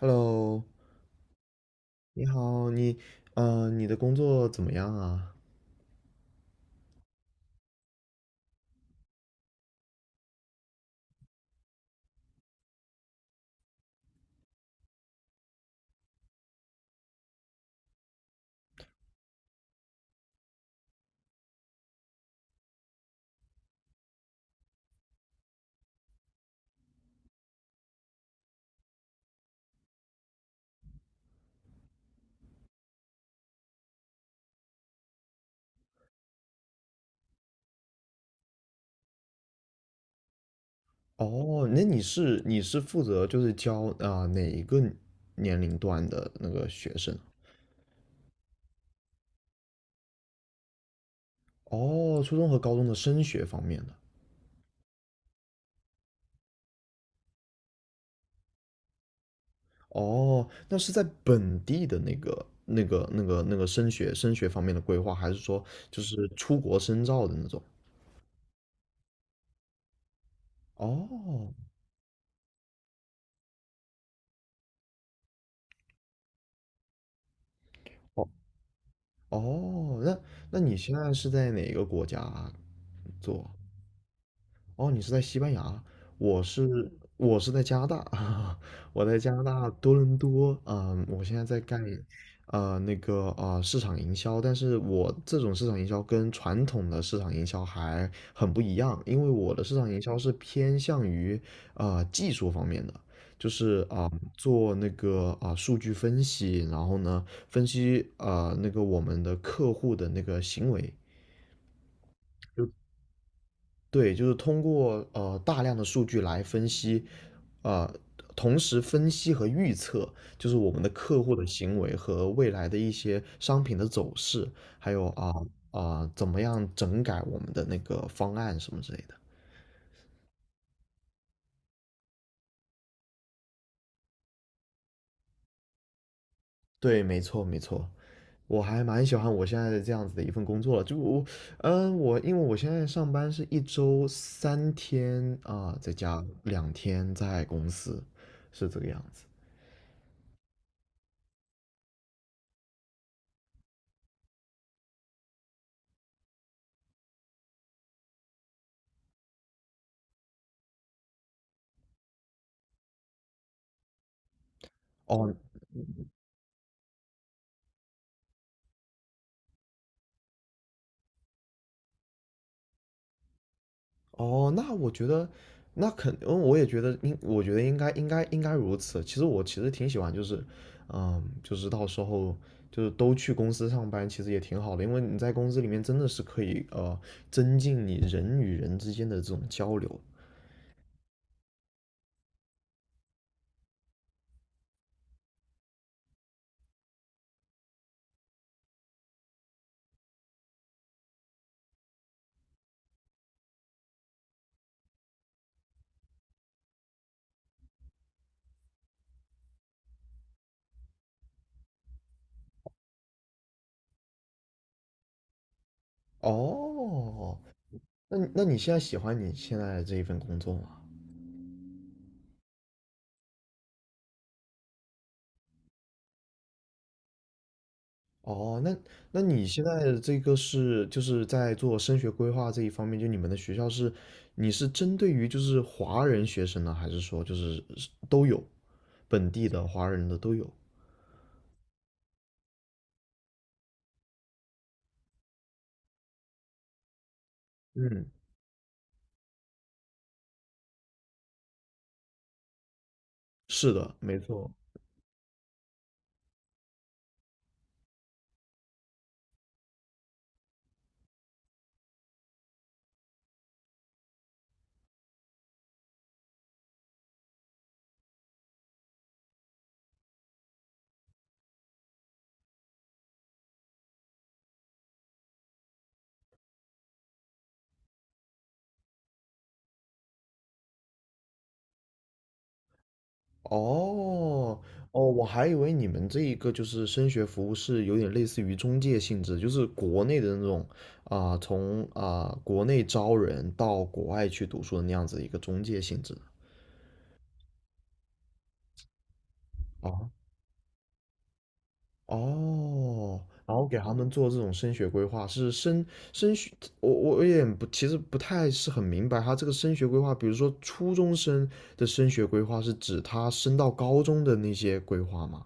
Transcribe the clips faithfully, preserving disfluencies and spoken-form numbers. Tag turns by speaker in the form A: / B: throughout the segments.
A: Hello,你好，你，呃，你的工作怎么样啊？哦，那你是你是负责就是教啊、哪一个年龄段的那个学生啊？哦，初中和高中的升学方面的。哦，那是在本地的那个那个那个那个升学升学方面的规划，还是说就是出国深造的那种？哦，哦，哦，那那你现在是在哪个国家做啊？哦，你是在西班牙，我是我是在加拿大 啊，我在加拿大多伦多。嗯，我现在在干，呃，那个啊，市场营销。但是我这种市场营销跟传统的市场营销还很不一样，因为我的市场营销是偏向于啊技术方面的，就是啊、呃做那个啊、呃数据分析，然后呢分析啊那个我们的客户的那个行为。对，就是通过呃大量的数据来分析，啊、同时分析和预测，就是我们的客户的行为和未来的一些商品的走势，还有啊啊、怎么样整改我们的那个方案什么之类的。对，没错没错，我还蛮喜欢我现在这样子的一份工作了。就我，嗯，我因为我现在上班是一周三天啊、在家，两天在公司，是这个样子。哦，哦，那我觉得，那肯，嗯，我也觉得应，我觉得应该，应该，应该如此。其实我其实挺喜欢，就是，嗯，就是到时候就是都去公司上班，其实也挺好的，因为你在公司里面真的是可以，呃，增进你人与人之间的这种交流。哦，那你那你现在喜欢你现在的这一份工作吗？哦，那那你现在的这个是就是在做升学规划这一方面，就你们的学校是你是针对于就是华人学生呢，还是说就是都有本地的华人的都有？嗯，是的，没错。哦哦，我还以为你们这一个就是升学服务是有点类似于中介性质，就是国内的那种啊、从啊、国内招人到国外去读书的那样子一个中介性质。哦哦，然后给他们做这种升学规划，是升升学，我我有点不，其实不太是很明白他这个升学规划，比如说初中生的升学规划是指他升到高中的那些规划吗？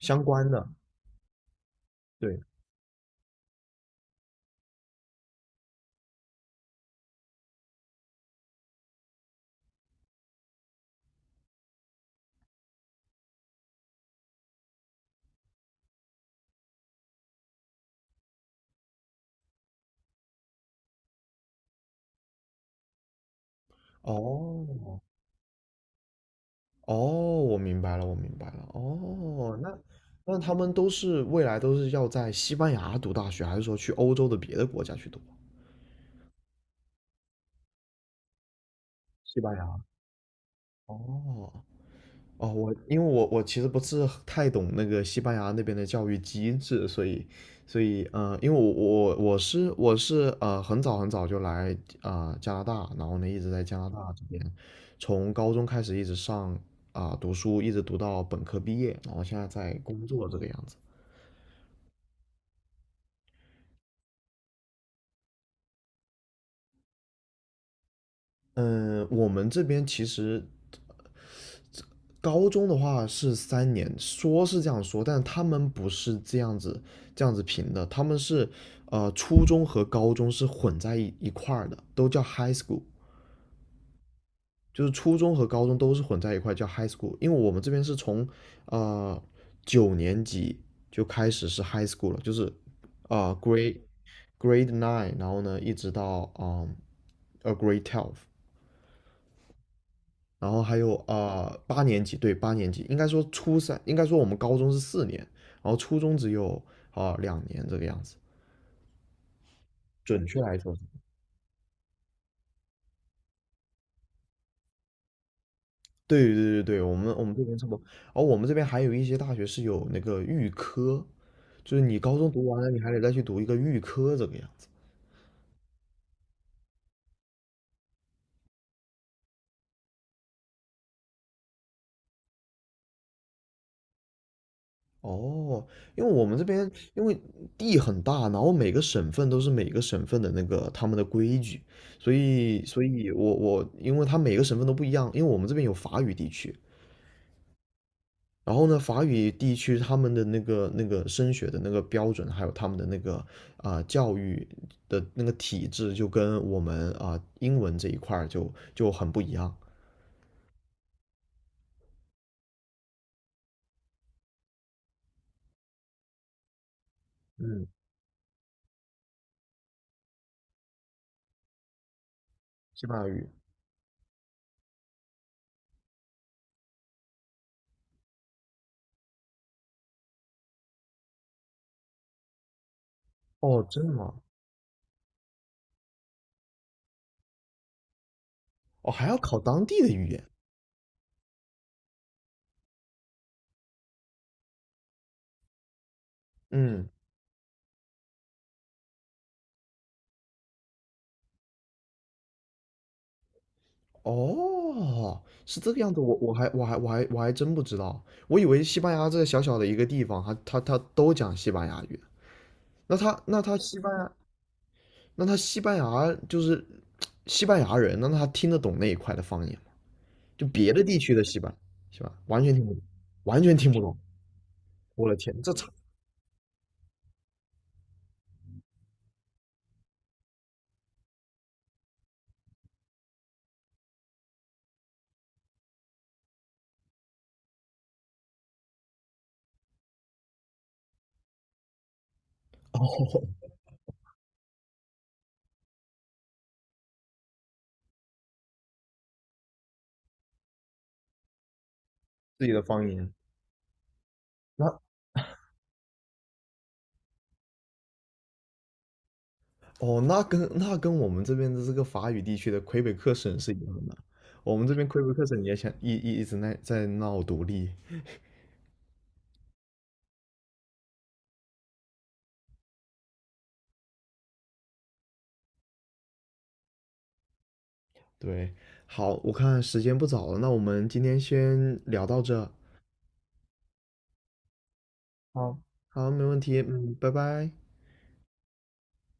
A: 相关的，对，哦哦，我明白了，我明白了，哦，那那他们都是未来都是要在西班牙读大学，还是说去欧洲的别的国家去读？西班牙。哦，哦，我因为我我其实不是太懂那个西班牙那边的教育机制，所以所以呃，因为我我我是我是呃很早很早就来啊、呃加拿大，然后呢一直在加拿大这边，从高中开始一直上啊、读书，一直读到本科毕业，然后现在在工作这个样子。嗯、我们这边其实高中的话是三年，说是这样说，但他们不是这样子这样子评的，他们是呃初中和高中是混在一一块儿的，都叫 high school,就是初中和高中都是混在一块叫 high school,因为我们这边是从呃九年级就开始是 high school 了，就是呃 grade grade nine,然后呢一直到嗯 a grade twelve,然后还有啊、呃八年级，对，八年级，应该说初三，应该说我们高中是四年，然后初中只有啊、呃两年这个样子，准确来说是，对对对对，我们我们这边差不多，而我们这边还有一些大学是有那个预科，就是你高中读完了，你还得再去读一个预科这个样子。哦，因为我们这边因为地很大，然后每个省份都是每个省份的那个他们的规矩，所以，所以我我因为它每个省份都不一样，因为我们这边有法语地区，然后呢，法语地区他们的那个那个升学的那个标准，还有他们的那个啊、呃教育的那个体制，就跟我们啊、英文这一块儿就就很不一样。嗯，西班牙语。哦，真的吗？哦，还要考当地的语言。嗯，哦，是这个样子。我我还我还我还我还真不知道，我以为西班牙这小小的一个地方，他他他都讲西班牙语。那他那他西班牙那他西班牙就是 西班牙人，那他听得懂那一块的方言吗？就别的地区的西班是吧？完全听不懂，完全听不懂。我的天，这差 哦，自己的方言，那哦，那跟那跟我们这边的这个法语地区的魁北克省是一样的。我们这边魁北克省也想一一一直在在闹独立。对，好，我看时间不早了，那我们今天先聊到这。好，好，没问题，嗯，拜拜。